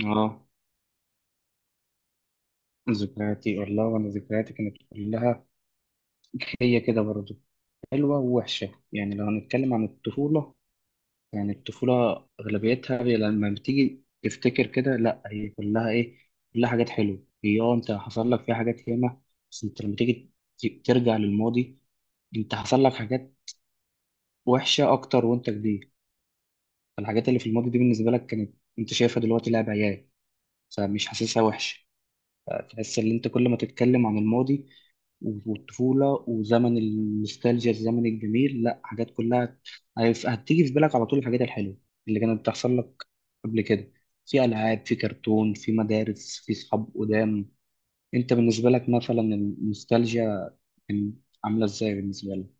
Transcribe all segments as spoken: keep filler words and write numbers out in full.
اه ذكرياتي والله، وانا ذكرياتي كانت كلها هي كده برضه حلوه ووحشه. يعني لو هنتكلم عن الطفوله، يعني الطفوله اغلبيتها هي لما بتيجي تفتكر كده، لا هي كلها ايه، كلها حاجات حلوه. هي اه انت حصل لك فيها حاجات ياما، بس انت لما تيجي ت- ترجع للماضي انت حصل لك حاجات وحشه اكتر. وانت كبير الحاجات اللي في الماضي دي بالنسبه لك، كانت انت شايفها دلوقتي لعب عيال، فمش حاسسها وحشه. فتحس ان انت كل ما تتكلم عن الماضي والطفولة وزمن النوستالجيا الزمن الجميل، لا حاجات كلها هت- هتيجي في بالك على طول، الحاجات الحلوة اللي كانت بتحصل لك قبل كده. في ألعاب، في كرتون، في مدارس، في صحاب قدام. أنت بالنسبة لك مثلا النوستالجيا كان عاملة إزاي بالنسبة لك؟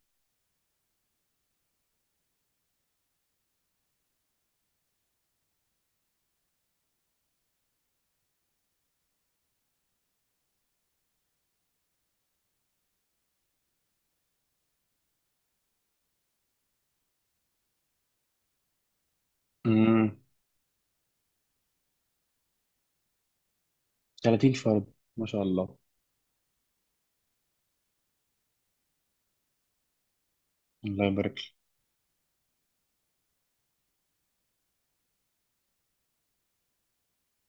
امم ثلاثين فرد، ما شاء الله، الله يبارك لك.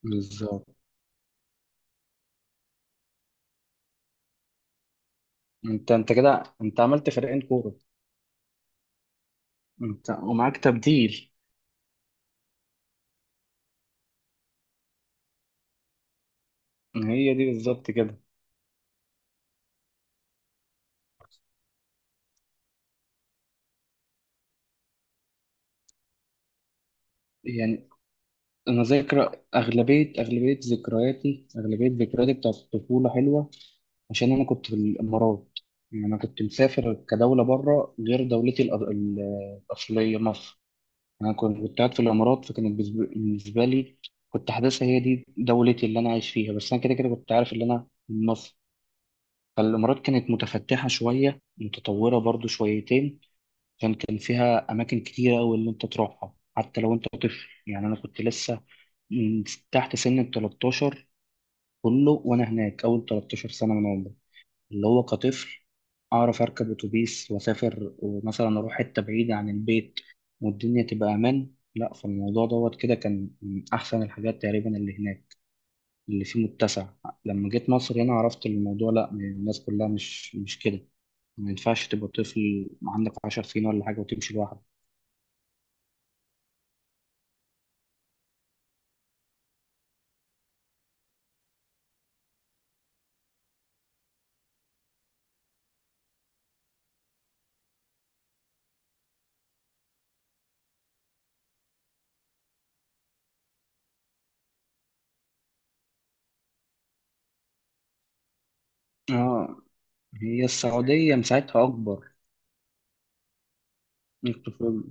بالظبط. أنت أنت كده أنت عملت فريقين كورة، أنت ومعاك تبديل. هي دي بالظبط كده. يعني انا ذاكر اغلبيه، اغلبيه ذكرياتي اغلبيه ذكرياتي بتاعت الطفوله حلوه، عشان انا كنت في الامارات. يعني انا كنت مسافر كدوله بره، غير دولتي الأ- ال- الاصليه مصر. انا كنت كنت قاعد في الامارات، فكانت بالنسبه بالنسبة لي كنت حاسسها هي دي دولتي اللي انا عايش فيها، بس انا كده كده كنت عارف ان انا من مصر. فالامارات كانت متفتحه شويه، متطوره برضو شويتين، عشان كان فيها أماكن كتيرة أوي اللي أنت تروحها حتى لو أنت طفل. يعني أنا كنت لسه من تحت سن ال الثلاثتاشر، كله وأنا هناك أول تلتاشر سنة من عمري، اللي هو كطفل أعرف أركب أتوبيس وأسافر، مثلا أروح حتة بعيدة عن البيت والدنيا تبقى أمان. لا فالموضوع دوت كده كان من أحسن الحاجات تقريبا اللي هناك، اللي فيه متسع. لما جيت مصر هنا عرفت الموضوع لا، الناس كلها مش مش كده، ما ينفعش تبقى طفل عندك عشر سنين ولا حاجة وتمشي لوحدك. اه، هي السعودية مساعتها أكبر. الطفل،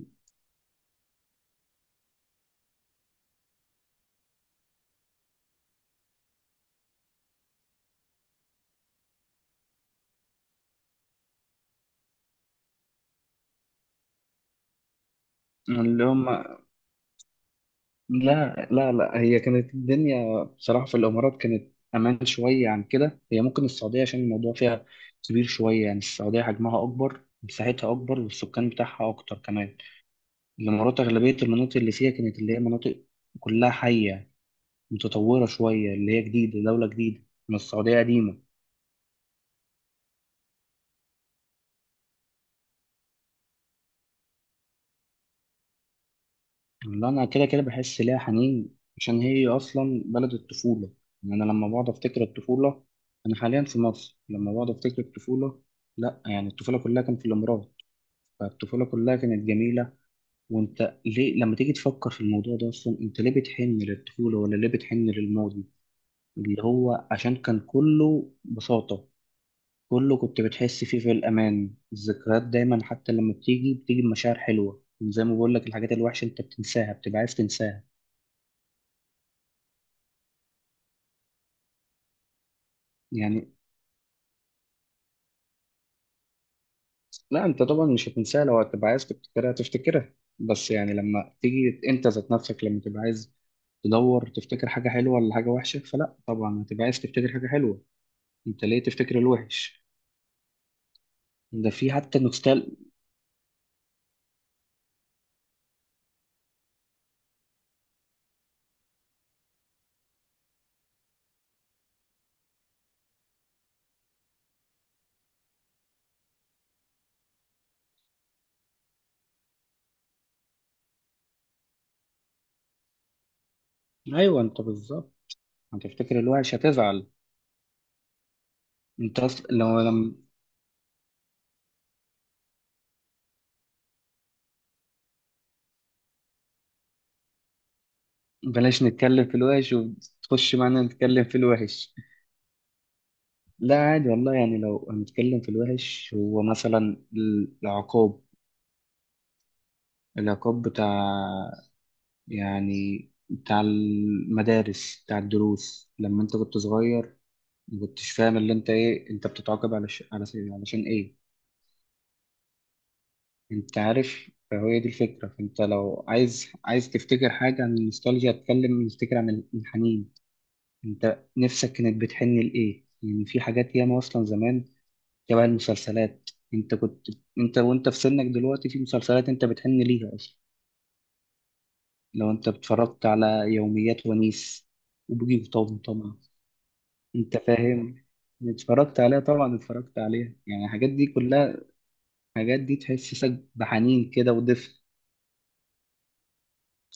اللي هم. لا لا لا، هي كانت الدنيا بصراحة في الإمارات كانت أمان شوية عن كده. هي ممكن السعودية عشان الموضوع فيها كبير شوية، يعني السعودية حجمها أكبر، مساحتها أكبر، والسكان بتاعها أكتر كمان. الإمارات أغلبية المناطق اللي فيها كانت اللي هي مناطق كلها حية، متطورة شوية، اللي هي جديدة، دولة جديدة من السعودية قديمة. والله انا كده كده بحس ليها حنين، عشان هي اصلا بلد الطفوله. يعني انا لما بقعد افتكر الطفوله، انا حاليا في مصر لما بقعد افتكر الطفوله، لا يعني الطفوله كلها كانت في الامارات، فالطفوله كلها كانت جميله. وانت ليه لما تيجي تفكر في الموضوع ده اصلا، انت ليه بتحن للطفوله ولا ليه بتحن للماضي؟ اللي هو عشان كان كله بساطه، كله كنت بتحس فيه في الامان. الذكريات دايما حتى لما بتيجي بتيجي بمشاعر حلوه، زي ما بقول لك الحاجات الوحشه انت بتنساها، بتبقى عايز تنساها. يعني لا انت طبعا مش هتنساها، لو هتبقى عايز تفتكرها تفتكرها، بس يعني لما تيجي انت ذات نفسك، لما تبقى عايز تدور تفتكر حاجة حلوة ولا حاجة وحشة، فلا طبعا هتبقى عايز تفتكر حاجة حلوة، انت ليه تفتكر الوحش؟ ده في حتى نوستال. ايوه، انت بالظبط، هتفتكر الوحش هتزعل. انت أصل... لو لما بلاش نتكلم في الوحش، وتخش معانا نتكلم في الوحش. لا عادي والله، يعني لو هنتكلم في الوحش، هو مثلا العقاب، العقاب بتاع، يعني بتاع المدارس، بتاع الدروس لما انت كنت صغير، ما كنتش فاهم اللي انت ايه، انت بتتعاقب علش... علش... علشان ايه. انت عارف، فهي دي الفكرة. فانت لو عايز عايز تفتكر حاجة عن النوستالجيا، اتكلم نفتكر عن الحنين. انت نفسك كانت بتحن لإيه؟ يعني في حاجات ياما أصلا زمان، شبه المسلسلات انت كنت، انت وانت في سنك دلوقتي في مسلسلات انت بتحن ليها أصلا. لو انت اتفرجت على يوميات ونيس وبوجي وطمطم، انت فاهم، اتفرجت عليها طبعا، اتفرجت عليها. يعني الحاجات دي كلها، الحاجات دي تحسسك بحنين كده ودفء.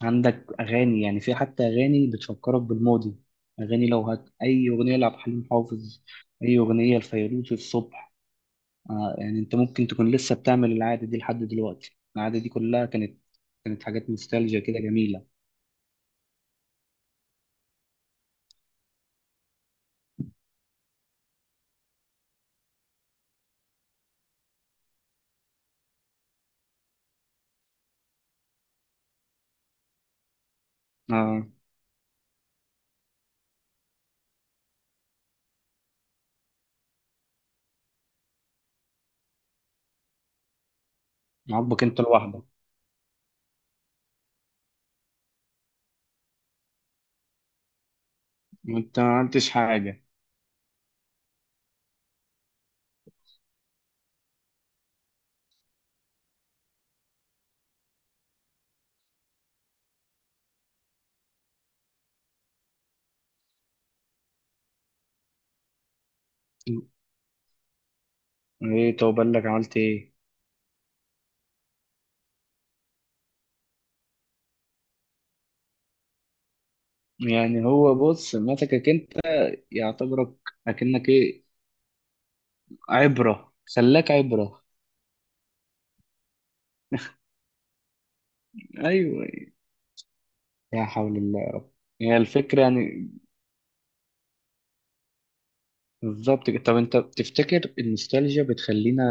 عندك اغاني، يعني في حتى اغاني بتفكرك بالماضي، اغاني لو هت اي اغنيه لعبد الحليم حافظ، اي اغنيه لفيروز الصبح. آه، يعني انت ممكن تكون لسه بتعمل العاده دي لحد دلوقتي، العاده دي كلها كانت، كانت حاجات نوستالجيا كده جميله. اه. عاجبك انت لوحدك. انت ما عملتش حاجه. ايه؟ طب بالك عملت ايه. يعني هو بص مسكك انت، يعتبرك اكنك ايه، عبرة، خلاك عبرة. ايوه. لا حول الله يا رب. هي الفكرة يعني، بالظبط كده. طب انت بتفتكر النوستالجيا بتخلينا،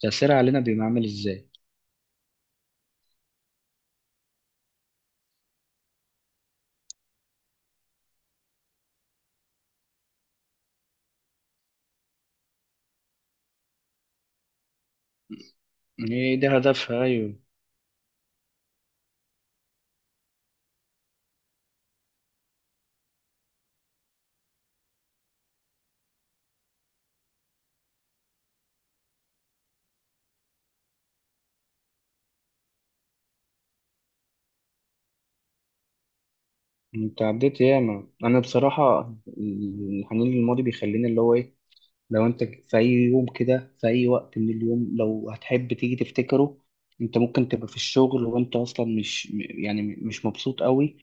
تأثيرها علينا بيبقى عامل ازاي؟ ايه ده هدفها. ايوه، انت عديت ياما. انا بصراحة الحنين للماضي بيخليني اللي هو ايه، لو انت في اي يوم كده، في اي وقت من اليوم، لو هتحب تيجي تفتكره، انت ممكن تبقى في الشغل وانت اصلا مش م- يعني مش مبسوط قوي،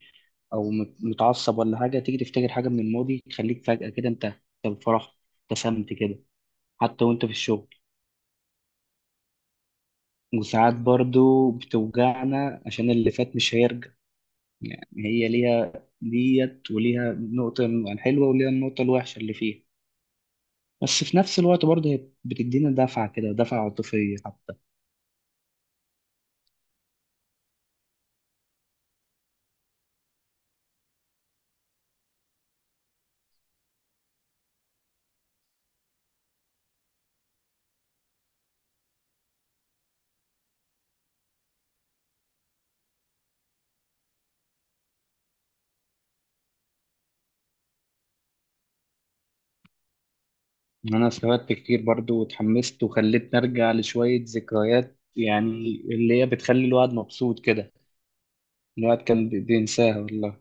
او مت- متعصب ولا حاجه، تيجي تفتكر حاجه من الماضي تخليك فجاه كده، انت انت فرحت، ابتسمت كده، حتى وانت في الشغل. وساعات برضو بتوجعنا عشان اللي فات مش هيرجع. يعني هي ليها ديت، وليها النقطة الحلوة، وليها النقطة الوحشة اللي فيها، بس في نفس الوقت برضه هي بتدينا دفعة كده، دفعة عاطفية. انا استفدت كتير برضو، واتحمست، وخلتني ارجع لشوية ذكريات، يعني اللي هي بتخلي الواحد مبسوط كده، الواحد كان بي- بينساها والله.